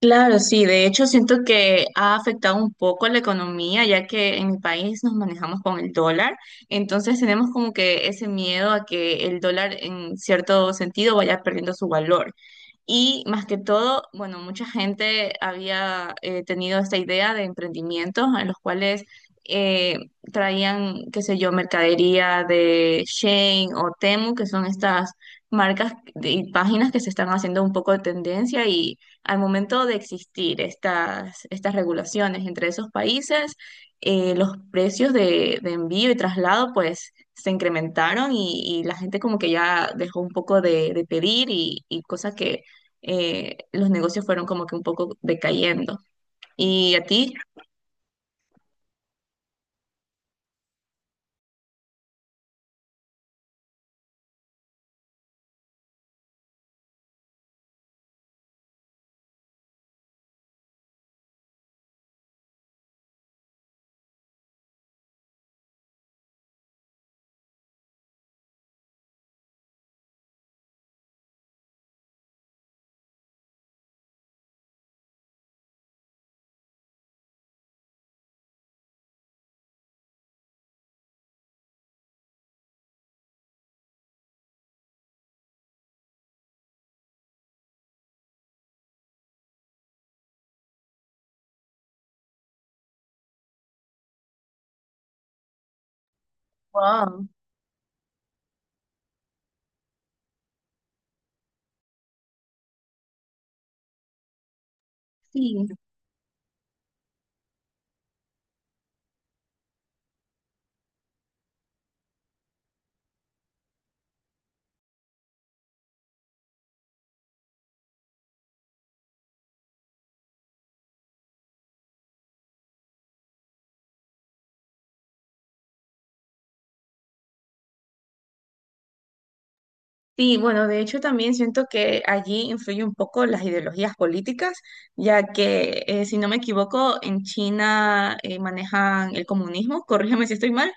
Claro, sí, de hecho siento que ha afectado un poco la economía, ya que en mi país nos manejamos con el dólar, entonces tenemos como que ese miedo a que el dólar en cierto sentido vaya perdiendo su valor. Y más que todo, bueno, mucha gente había tenido esta idea de emprendimientos en los cuales eh, traían, qué sé yo, mercadería de Shein o Temu, que son estas marcas de- y páginas que se están haciendo un poco de tendencia y al momento de existir estas regulaciones entre esos países, los precios de envío y traslado pues se incrementaron y la gente como que ya dejó un poco de pedir y cosa que los negocios fueron como que un poco decayendo. ¿Y a ti? Wow. Sí, sí, bueno, de hecho también siento que allí influye un poco las ideologías políticas, ya que si no me equivoco, en China manejan el comunismo, corrígeme si estoy mal.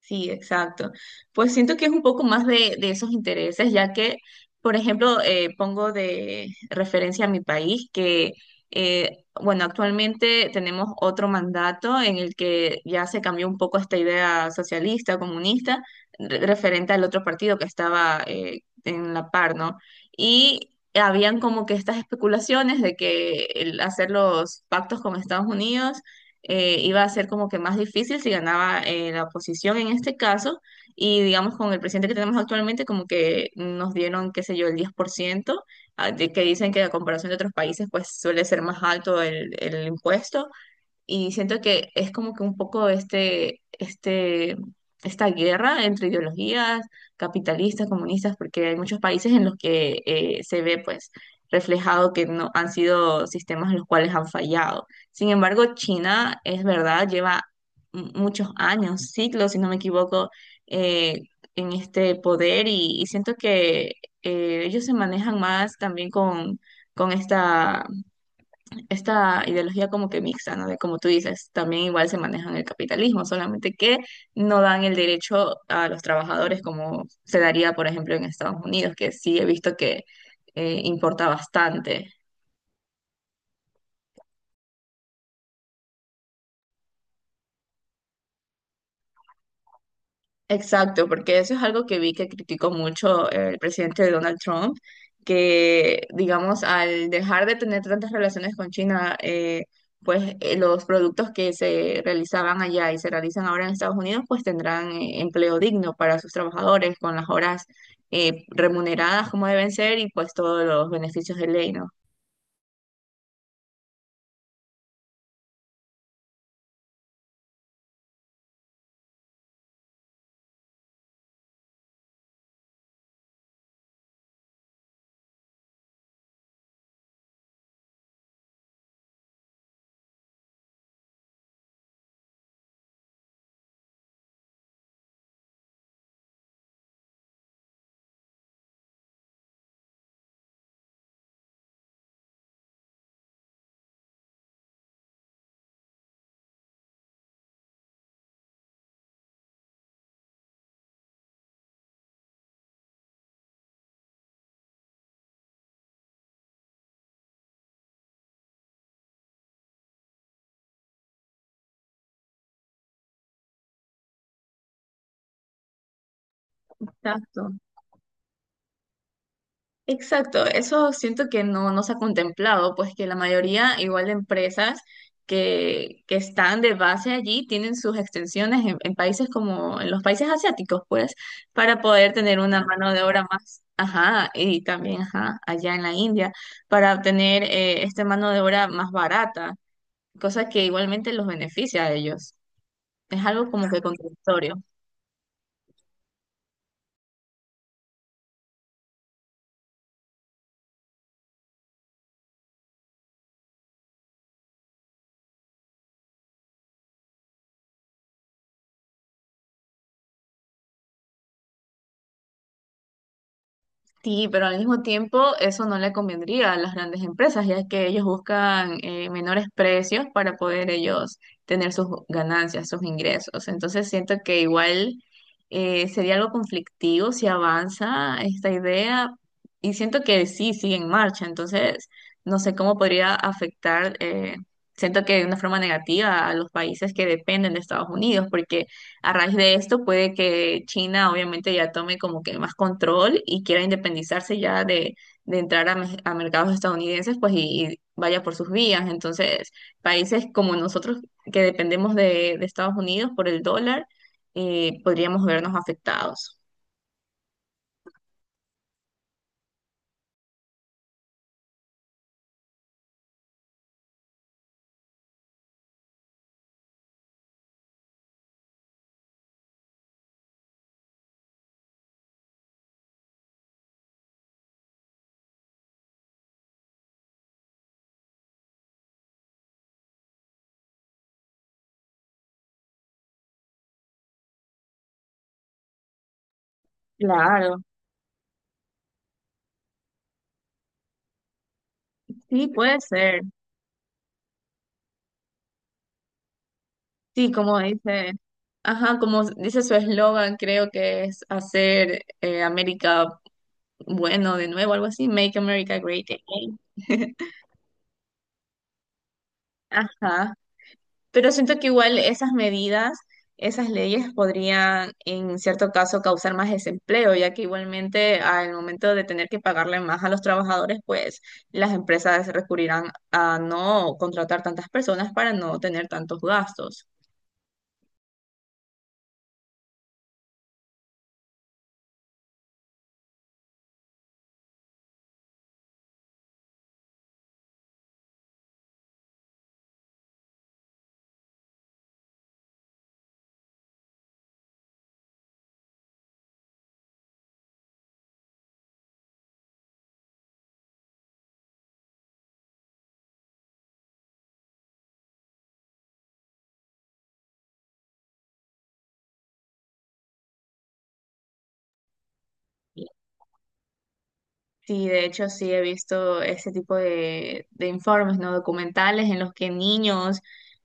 Sí, exacto. Pues siento que es un poco más de esos intereses, ya que, por ejemplo, pongo de referencia a mi país, que, bueno, actualmente tenemos otro mandato en el que ya se cambió un poco esta idea socialista, comunista, referente al otro partido que estaba en la par, ¿no? Y habían como que estas especulaciones de que el hacer los pactos con Estados Unidos iba a ser como que más difícil si ganaba la oposición en este caso. Y digamos, con el presidente que tenemos actualmente, como que nos dieron, qué sé yo, el 10%, que dicen que a comparación de otros países, pues suele ser más alto el impuesto y siento que es como que un poco esta guerra entre ideologías capitalistas, comunistas, porque hay muchos países en los que se ve pues reflejado que no han sido sistemas en los cuales han fallado. Sin embargo, China es verdad, lleva muchos años, siglos, si no me equivoco, eh, en este poder y siento que ellos se manejan más también con esta ideología como que mixta, ¿no? De como tú dices, también igual se maneja en el capitalismo, solamente que no dan el derecho a los trabajadores como se daría, por ejemplo, en Estados Unidos, que sí he visto que importa bastante. Exacto, porque eso es algo que vi que criticó mucho el presidente Donald Trump, que digamos, al dejar de tener tantas relaciones con China, los productos que se realizaban allá y se realizan ahora en Estados Unidos, pues tendrán empleo digno para sus trabajadores, con las horas remuneradas como deben ser y pues todos los beneficios de ley, ¿no? Exacto. Exacto, eso siento que no se ha contemplado, pues que la mayoría, igual de empresas que están de base allí, tienen sus extensiones en países como en los países asiáticos, pues, para poder tener una mano de obra más, ajá, y también, ajá, allá en la India, para obtener esta mano de obra más barata, cosa que igualmente los beneficia a ellos. Es algo como que contradictorio. Sí, pero al mismo tiempo eso no le convendría a las grandes empresas, ya que ellos buscan menores precios para poder ellos tener sus ganancias, sus ingresos. Entonces siento que igual sería algo conflictivo si avanza esta idea y siento que sí, sigue en marcha. Entonces no sé cómo podría afectar, siento que de una forma negativa a los países que dependen de Estados Unidos, porque a raíz de esto puede que China obviamente ya tome como que más control y quiera independizarse ya de entrar a, a mercados estadounidenses, pues y vaya por sus vías. Entonces, países como nosotros que dependemos de Estados Unidos por el dólar, podríamos vernos afectados. Claro, sí, puede ser. Sí, como dice, ajá, como dice su eslogan, creo que es hacer América bueno de nuevo, algo así, Make America Great Again. Ajá, pero siento que igual esas medidas, esas leyes podrían en cierto caso causar más desempleo, ya que igualmente al momento de tener que pagarle más a los trabajadores, pues las empresas recurrirán a no contratar tantas personas para no tener tantos gastos. Sí, de hecho sí he visto ese tipo de informes, ¿no? Documentales en los que niños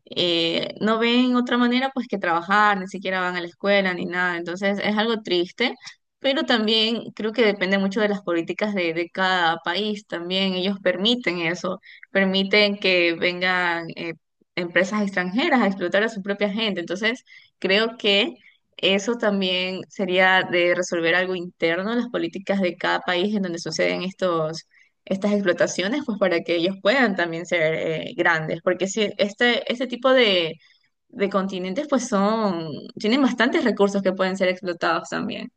no ven otra manera pues que trabajar, ni siquiera van a la escuela ni nada. Entonces es algo triste, pero también creo que depende mucho de las políticas de cada país también. Ellos permiten eso, permiten que vengan empresas extranjeras a explotar a su propia gente. Entonces creo que eso también sería de resolver algo interno en las políticas de cada país en donde suceden estas explotaciones, pues para que ellos puedan también ser grandes, porque si este tipo de continentes pues son, tienen bastantes recursos que pueden ser explotados también.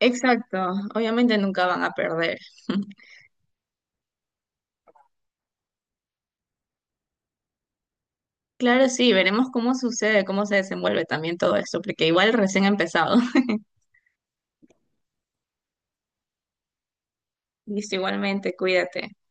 Exacto, obviamente nunca van a perder. Claro, sí, veremos cómo sucede, cómo se desenvuelve también todo esto, porque igual recién ha empezado. Listo, igualmente, cuídate.